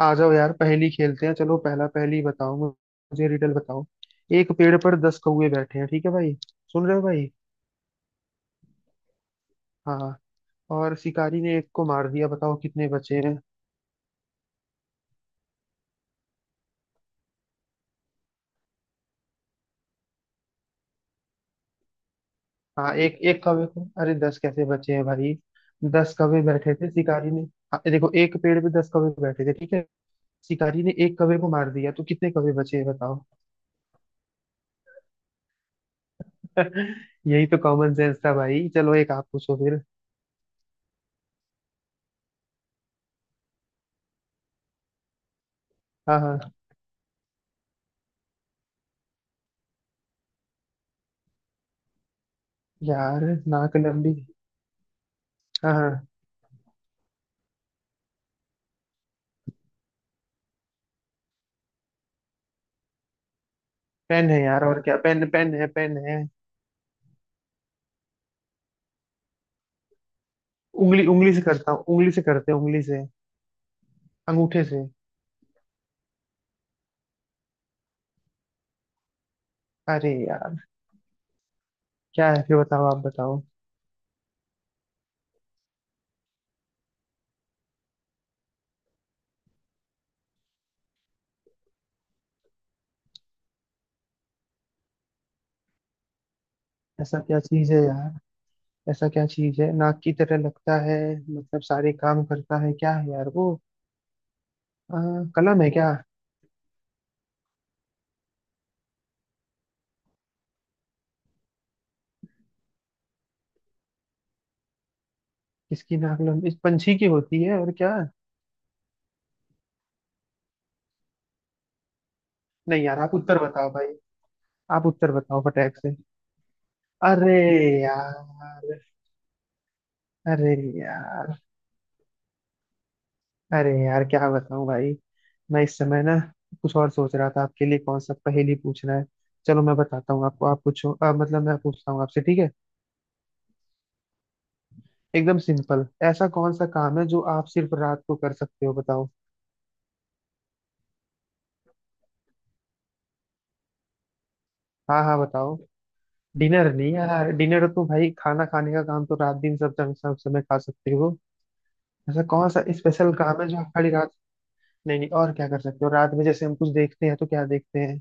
आ जाओ यार, पहेली खेलते हैं। चलो, पहला पहेली बताओ मुझे, रिडल बताओ। एक पेड़ पर 10 कौवे बैठे हैं, ठीक है भाई? सुन रहे हो भाई? हाँ। और शिकारी ने एक को मार दिया, बताओ कितने बचे हैं? हाँ, एक एक कौवे को। अरे 10 कैसे बचे हैं भाई? 10 कौवे बैठे थे, शिकारी ने। हाँ, देखो, एक पेड़ पे 10 कौवे बैठे थे, ठीक है। शिकारी ने एक कौवे को मार दिया, तो कितने कौवे बचे हैं बताओ? यही तो कॉमन सेंस था भाई। चलो, एक आप पूछो फिर। हाँ हाँ। यार, नाक लंबी। हाँ हाँ। पेन है यार, और क्या। पेन पेन है, पेन है। उंगली, उंगली से करता हूँ। उंगली से करते हैं, उंगली से। अंगूठे से। अरे यार, क्या है फिर? बताओ, आप बताओ। ऐसा क्या चीज है यार? ऐसा क्या चीज है, नाक की तरह लगता है? मतलब सारे काम करता है, क्या है यार वो? आ, कलम है क्या? किसकी नाक लंबी? इस पंछी की होती है, और क्या। नहीं यार, आप उत्तर बताओ भाई। आप उत्तर बताओ फटाक से। अरे यार। अरे यार। अरे यार, क्या बताऊं भाई? मैं इस समय ना, कुछ और सोच रहा था, आपके लिए कौन सा पहेली पूछना है। चलो, मैं बताता हूँ आपको। आप पूछो। मतलब मैं पूछता हूँ आपसे, ठीक है? एकदम सिंपल। ऐसा कौन सा काम है जो आप सिर्फ रात को कर सकते हो, बताओ। हाँ हाँ, बताओ। डिनर नहीं यार। डिनर तो भाई, खाना खाने का काम तो रात दिन सब जंग सब समय खा सकते हो। ऐसा कौन सा स्पेशल काम है जो आप खाली रात, नहीं नहीं, और क्या कर सकते हो रात में? जैसे हम कुछ देखते हैं, तो क्या देखते हैं?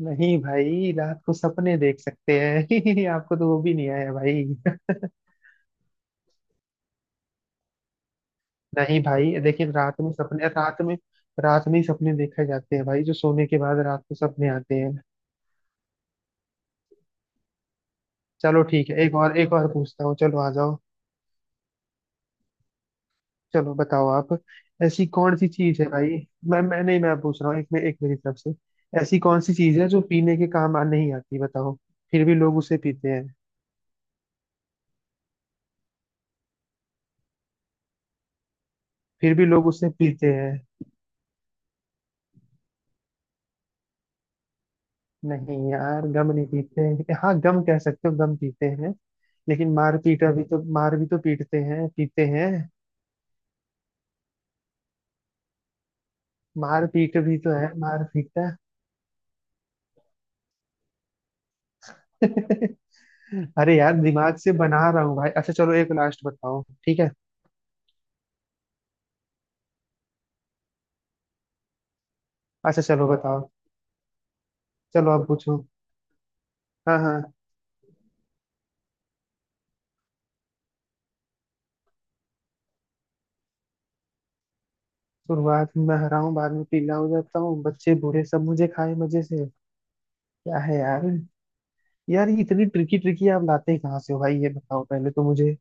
नहीं भाई, रात को सपने देख सकते हैं। आपको तो वो भी नहीं आया भाई। नहीं भाई, देखिए, रात में सपने, रात में, रात में ही सपने देखे जाते हैं भाई, जो सोने के बाद रात को सपने आते हैं। चलो ठीक है, एक और, एक और पूछता हूँ। चलो आ जाओ। चलो बताओ आप। ऐसी कौन सी चीज है भाई? मैं नहीं, मैं पूछ रहा हूँ, एक में एक मेरी तरफ से। ऐसी कौन सी चीज है जो पीने के काम आ नहीं आती, बताओ? फिर भी लोग उसे पीते हैं। फिर भी लोग उसे पीते हैं। नहीं यार, गम नहीं पीते हैं। हाँ, गम कह सकते हो, गम पीते हैं। लेकिन मार पीटा भी तो, मार भी तो पीटते हैं, पीते हैं। मार पीट भी तो है, मार पीटा। अरे यार, दिमाग से बना रहा हूँ भाई। अच्छा चलो, एक लास्ट बताओ, ठीक है? अच्छा चलो बताओ। चलो आप पूछो। हाँ हाँ। शुरुआत में मैं हरा हूँ, बाद में पीला हो जाता हूँ, बच्चे बूढ़े सब मुझे खाए मजे से। क्या है यार? यार, ये इतनी ट्रिकी ट्रिकी आप लाते ही कहाँ से हो भाई? ये बताओ पहले तो मुझे।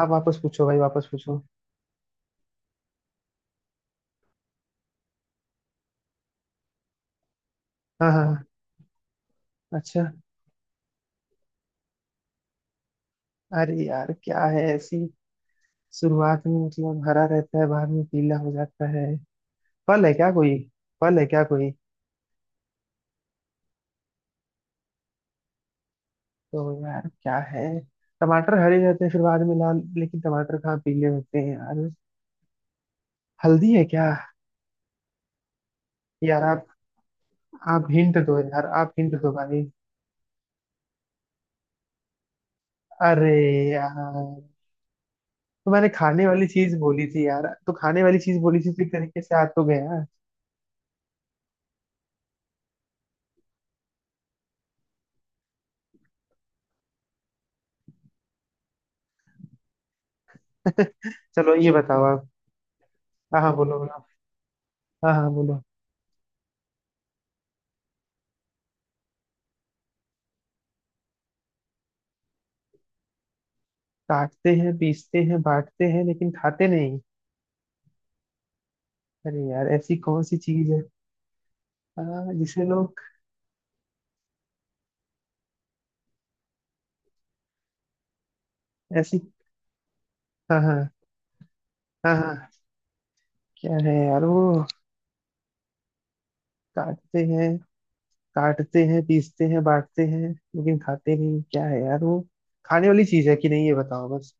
आप वापस पूछो भाई, वापस पूछो। हाँ हाँ हाँ, अच्छा। अरे यार, क्या है ऐसी? शुरुआत में मतलब हरा रहता है, बाद में पीला हो जाता है। फल है क्या कोई? फल है क्या कोई? तो यार क्या है? टमाटर हरे रहते हैं, फिर बाद में लाल, लेकिन टमाटर कहाँ पीले होते हैं यार। हल्दी है क्या? यार आप हिंट दो यार, आप हिंट दो भाई। अरे यार। तो मैंने खाने वाली चीज बोली थी यार, तो खाने वाली चीज बोली थी, तो एक तरीके से आ तो गया। चलो ये बताओ आप। हाँ हाँ, बोलो बोलो। हाँ हाँ, बोलो। काटते हैं, पीसते हैं, बांटते हैं, लेकिन खाते नहीं। अरे यार, ऐसी कौन सी चीज है? हाँ, जिसे लोग। ऐसी। हाँ हाँ हाँ हाँ। क्या है यार वो? काटते हैं। काटते हैं, पीसते हैं, बांटते हैं, लेकिन खाते नहीं, क्या है यार वो? खाने वाली चीज है कि नहीं, ये बताओ बस।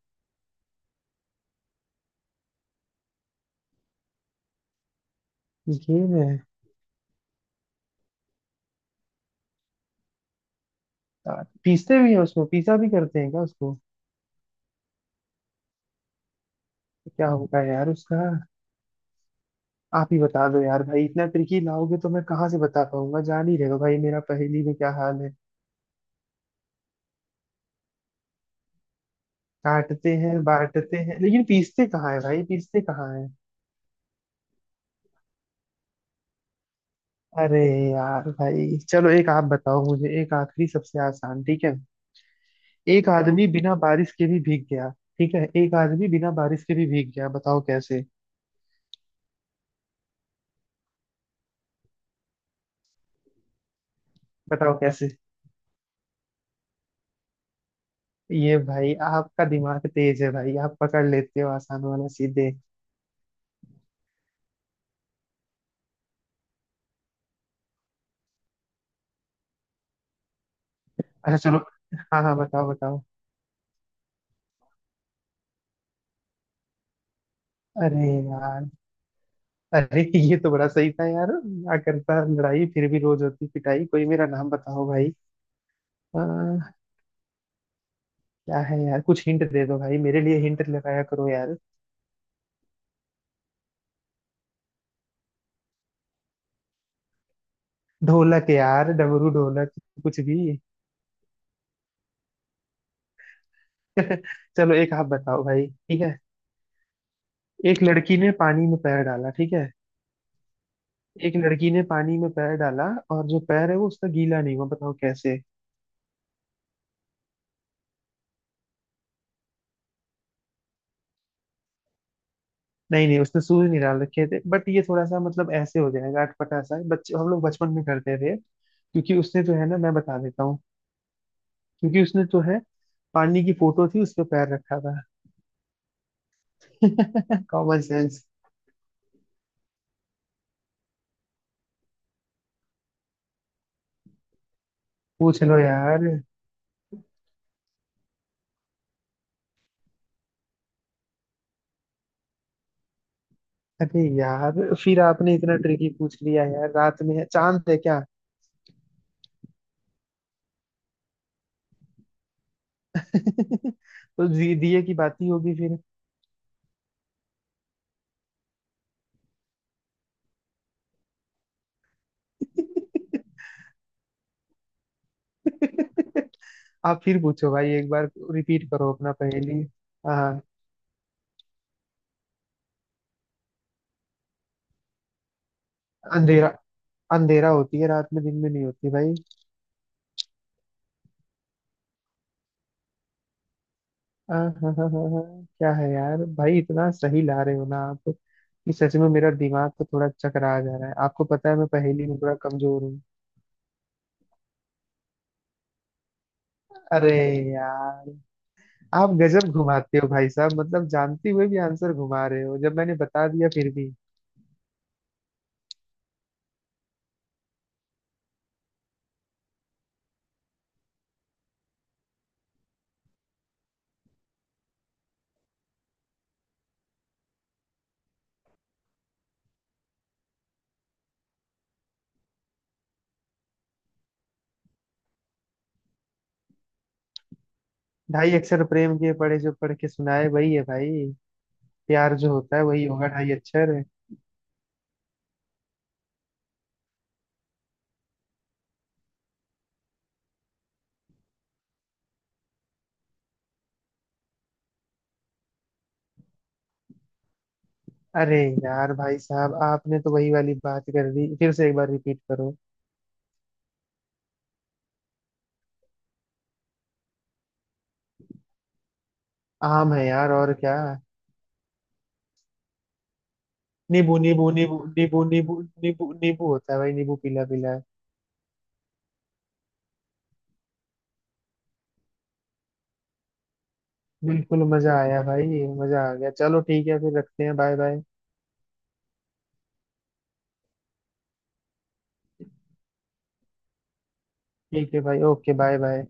गेम है? पीसते भी हैं, उसको पीसा भी करते हैं क्या उसको? क्या होगा यार उसका? आप ही बता दो यार भाई। इतना ट्रिकी लाओगे तो मैं कहाँ से बता पाऊंगा? जान ही रहेगा भाई मेरा, पहेली में क्या हाल है। काटते हैं, बांटते हैं, लेकिन पीसते कहाँ है भाई? पीसते कहाँ है? अरे यार भाई, चलो एक आप बताओ मुझे, एक आखिरी, सबसे आसान, ठीक है? एक आदमी बिना बारिश के भी भीग गया, ठीक है? एक आदमी बिना बारिश के भी भीग गया, बताओ कैसे? बताओ कैसे? ये भाई आपका दिमाग तेज है भाई, आप पकड़ लेते हो आसान वाला सीधे। अच्छा चलो। हाँ हाँ, बताओ बताओ। अरे यार। अरे, ये तो बड़ा सही था यार। ना करता लड़ाई, फिर भी रोज होती पिटाई, कोई मेरा नाम बताओ भाई। आ, क्या है यार? कुछ हिंट दे दो भाई, मेरे लिए हिंट लगाया करो यार। ढोलक यार, डमरू, ढोलक, कुछ भी। चलो एक आप बताओ भाई, ठीक है? एक लड़की ने पानी में पैर डाला, ठीक है? एक लड़की ने पानी में पैर डाला, और जो पैर है वो उसका गीला नहीं हुआ, बताओ कैसे? नहीं नहीं, उसने शूज नहीं डाल रखे थे, बट ये थोड़ा सा मतलब ऐसे हो जाएगा अटपटा सा, बच्चे हम लोग बचपन में करते थे, क्योंकि उसने जो है ना, मैं बता देता हूँ, क्योंकि उसने जो है, पानी की फोटो थी, उस पर पैर रखा था। Common sense. पूछ लो यार। अरे यार, फिर आपने इतना ट्रिकी पूछ लिया यार। रात में है, चांद है क्या? तो दिए की बात ही होगी फिर। आप फिर पूछो भाई, एक बार रिपीट करो अपना पहेली। हाँ। अंधेरा। अंधेरा होती है रात में, दिन में नहीं होती भाई। हाँ हाँ हाँ हाँ हाँ, क्या है यार भाई? इतना सही ला रहे हो ना आप, कि सच में मेरा दिमाग तो थोड़ा चकरा जा रहा है। आपको पता है, मैं पहेली में थोड़ा कमजोर हूँ। अरे यार, आप गजब घुमाते हो भाई साहब। मतलब जानते हुए भी आंसर घुमा रहे हो, जब मैंने बता दिया फिर भी। ढाई अक्षर प्रेम के पढ़े, जो पढ़ के सुनाए वही है भाई। प्यार जो होता है वही होगा, ढाई अक्षर। अरे यार भाई साहब, आपने तो वही वाली बात कर दी, फिर से एक बार रिपीट करो। आम है यार, और क्या। नींबू नींबू नींबू नींबू नींबू नींबू नींबू होता है भाई, नींबू पीला पीला है। बिल्कुल मजा आया भाई, मजा आ गया। चलो ठीक है, फिर रखते हैं, बाय बाय। ठीक है भाई, ओके, बाय बाय।